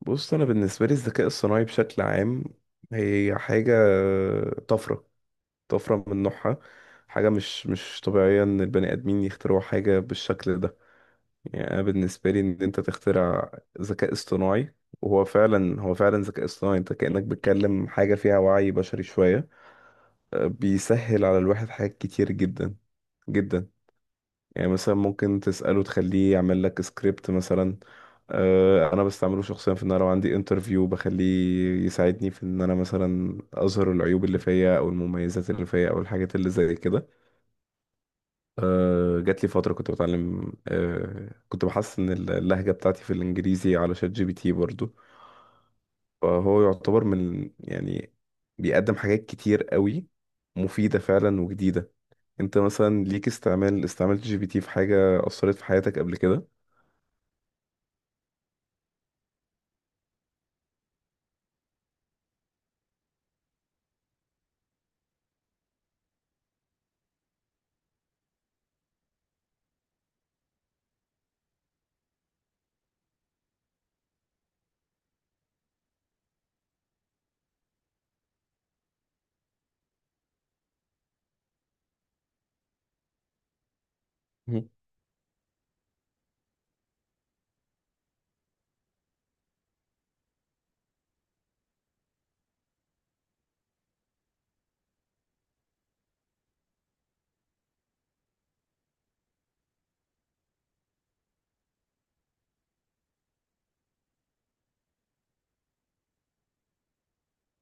بص انا بالنسبه لي الذكاء الصناعي بشكل عام هي حاجه، طفره، طفره من نوعها. حاجه مش طبيعيه ان البني ادمين يخترعوا حاجه بالشكل ده. يعني انا بالنسبه لي ان انت تخترع ذكاء اصطناعي وهو فعلا، هو فعلا ذكاء اصطناعي، انت كانك بتكلم حاجه فيها وعي بشري شويه. بيسهل على الواحد حاجات كتير جدا جدا. يعني مثلا ممكن تسأله تخليه يعمل لك سكريبت مثلا. انا بستعمله شخصيا في ان انا لو عندي انترفيو بخليه يساعدني في ان انا مثلا اظهر العيوب اللي فيا او المميزات اللي فيا او الحاجات اللي زي كده. جات لي فترة كنت بتعلم، كنت بحسن اللهجة بتاعتي في الانجليزي على شات جي بي تي برضو. فهو يعتبر من، يعني بيقدم حاجات كتير قوي مفيدة فعلا وجديدة. انت مثلا ليك استعمال؟ استعملت جي بي تي في حاجة أثرت في حياتك قبل كده؟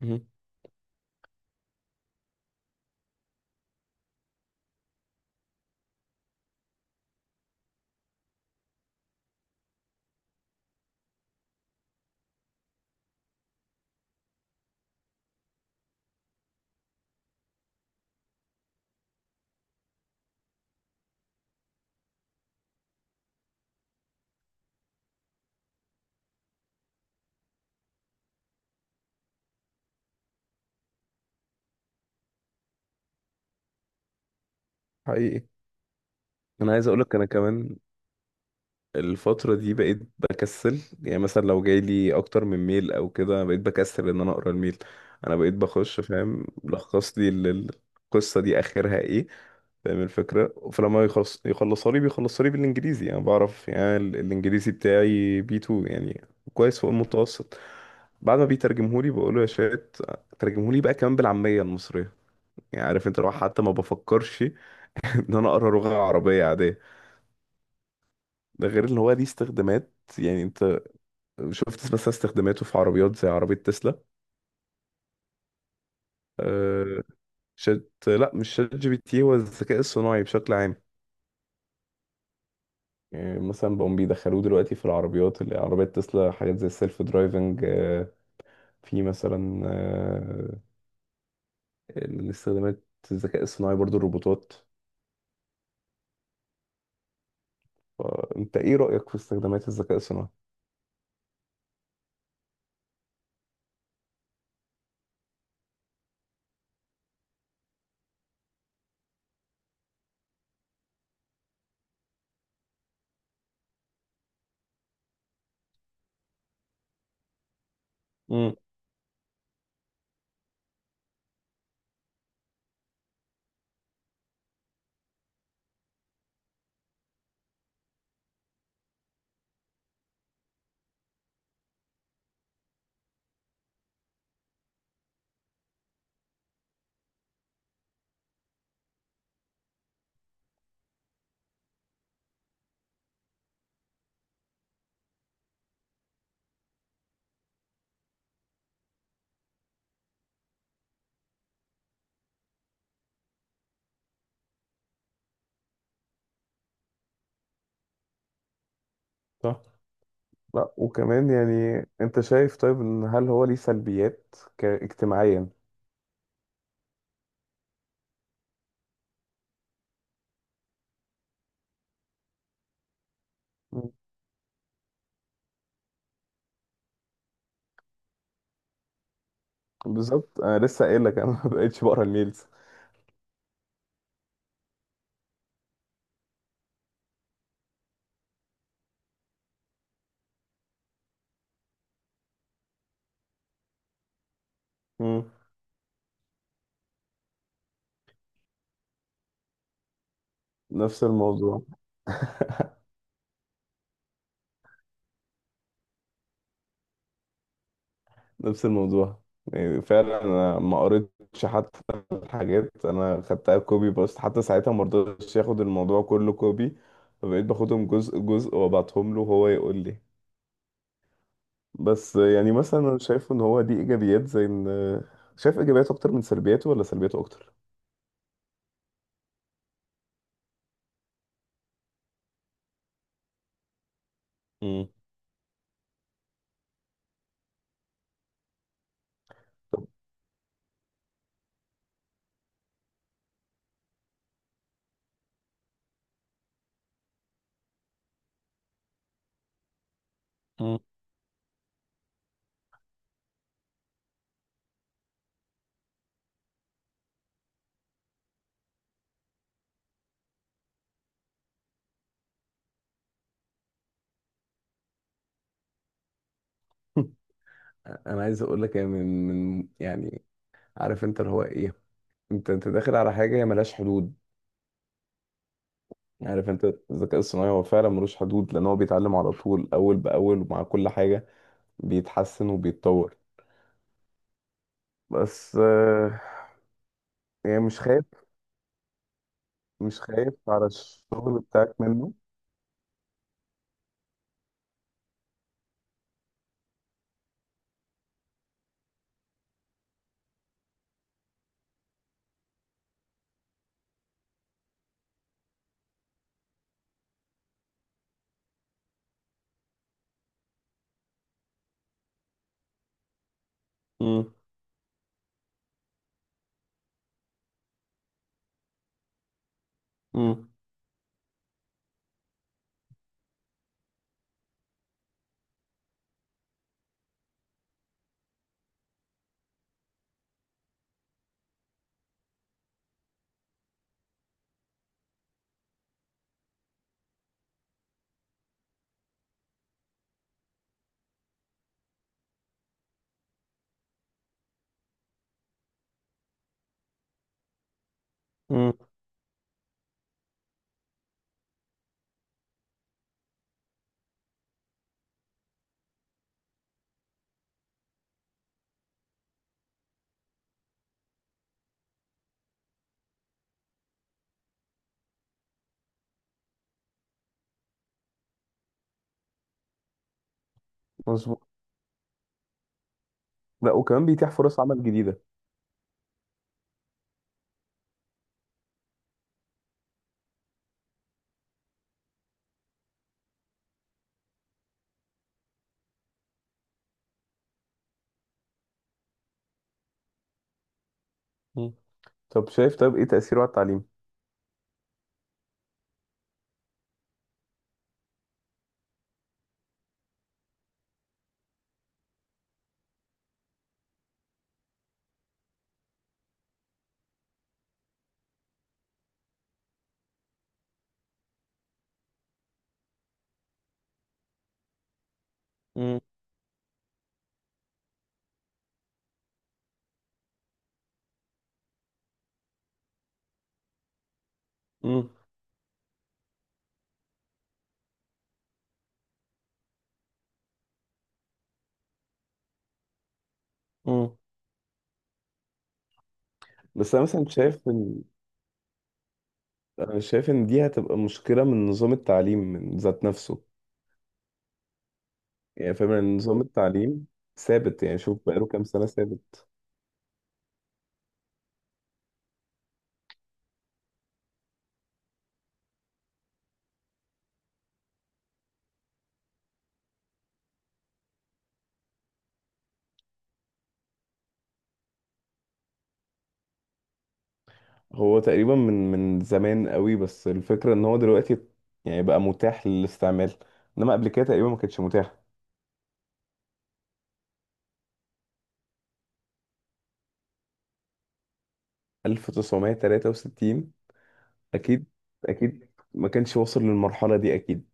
مهم. حقيقي. انا عايز اقولك انا كمان الفترة دي بقيت بكسل. يعني مثلا لو جاي لي اكتر من ميل او كده بقيت بكسل ان انا اقرا الميل. انا بقيت بخش فاهم، لخص لي القصة دي اخرها ايه. فاهم الفكرة؟ فلما يخلص يخلصها لي بيخلصها لي بالانجليزي. انا بعرف يعني ال- الانجليزي بتاعي بي 2 يعني، كويس فوق المتوسط. بعد ما بيترجمهولي بقوله يا شات ترجمهولي بقى كمان بالعامية المصرية. يعني عارف انت، لو حتى ما بفكرش ان انا اقرا لغة عربية. ده غير ان هو ليه استخدامات. يعني انت شفت مثلا استخداماته في عربيات زي عربية تسلا؟ آه. شات، لا مش شات جي بي تي، هو الذكاء الصناعي بشكل عام. يعني مثلا بقوا بيدخلوه دلوقتي في العربيات، اللي عربيات تسلا، حاجات زي السيلف درايفنج. في مثلا، الاستخدامات، الذكاء الصناعي برضو الروبوتات. فانت ايه رأيك في استخدامات الذكاء الصناعي؟ امم. صح. لا وكمان، يعني انت شايف طيب ان هل هو ليه سلبيات اجتماعيا؟ بالظبط، انا لسه قايل لك انا ما بقتش بقرا الميلز. مم. نفس الموضوع. نفس الموضوع. يعني فعلا انا ما قريتش حتى. الحاجات انا خدتها كوبي، بس حتى ساعتها ما رضيتش ياخد الموضوع كله كوبي، فبقيت باخدهم جزء جزء وابعتهم له وهو يقول لي. بس يعني مثلا انا شايف ان هو دي ايجابيات، زي ان شايف ايجابياته اكتر من سلبياته ولا سلبياته اكتر؟ مم. مم. انا عايز اقول لك يعني، من يعني، عارف انت اللي هو ايه، انت انت داخل على حاجه هي ملهاش حدود. يعني عارف انت، الذكاء الصناعي هو فعلا ملوش حدود، لان هو بيتعلم على طول اول باول ومع كل حاجه بيتحسن وبيتطور. بس يعني مش خايف. مش خايف على الشغل بتاعك منه؟ امم. امم. امم. مظبوط. لا وكمان بيتيح فرص عمل جديده. مم. طب شايف طب ايه تاثيره على التعليم؟ امم. امم. امم. بس انا مثلا شايف ان، انا شايف ان دي هتبقى مشكله من نظام التعليم من ذات نفسه. يعني فاهم إن نظام التعليم ثابت. يعني شوف بقاله كام سنة ثابت. هو تقريبا من زمان قوي، بس الفكرة ان هو دلوقتي يعني بقى متاح للاستعمال. انما قبل كده تقريبا ما كانش متاح. 1963؟ اكيد. اكيد ما كانش واصل للمرحلة دي اكيد.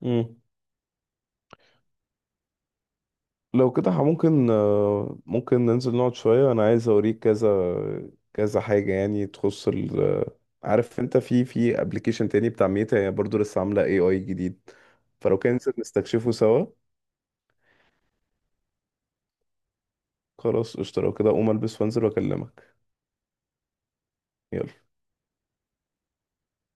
مم. لو كده ممكن، ممكن ننزل نقعد شوية. أنا عايز أوريك كذا كذا حاجة يعني تخص ال، عارف أنت في في أبلكيشن تاني بتاع ميتا، هي برضه لسه عاملة اي اي جديد، فلو كان ننزل نستكشفه سوا. خلاص قشطة، لو كده أقوم ألبس وأنزل وأكلمك. يلا.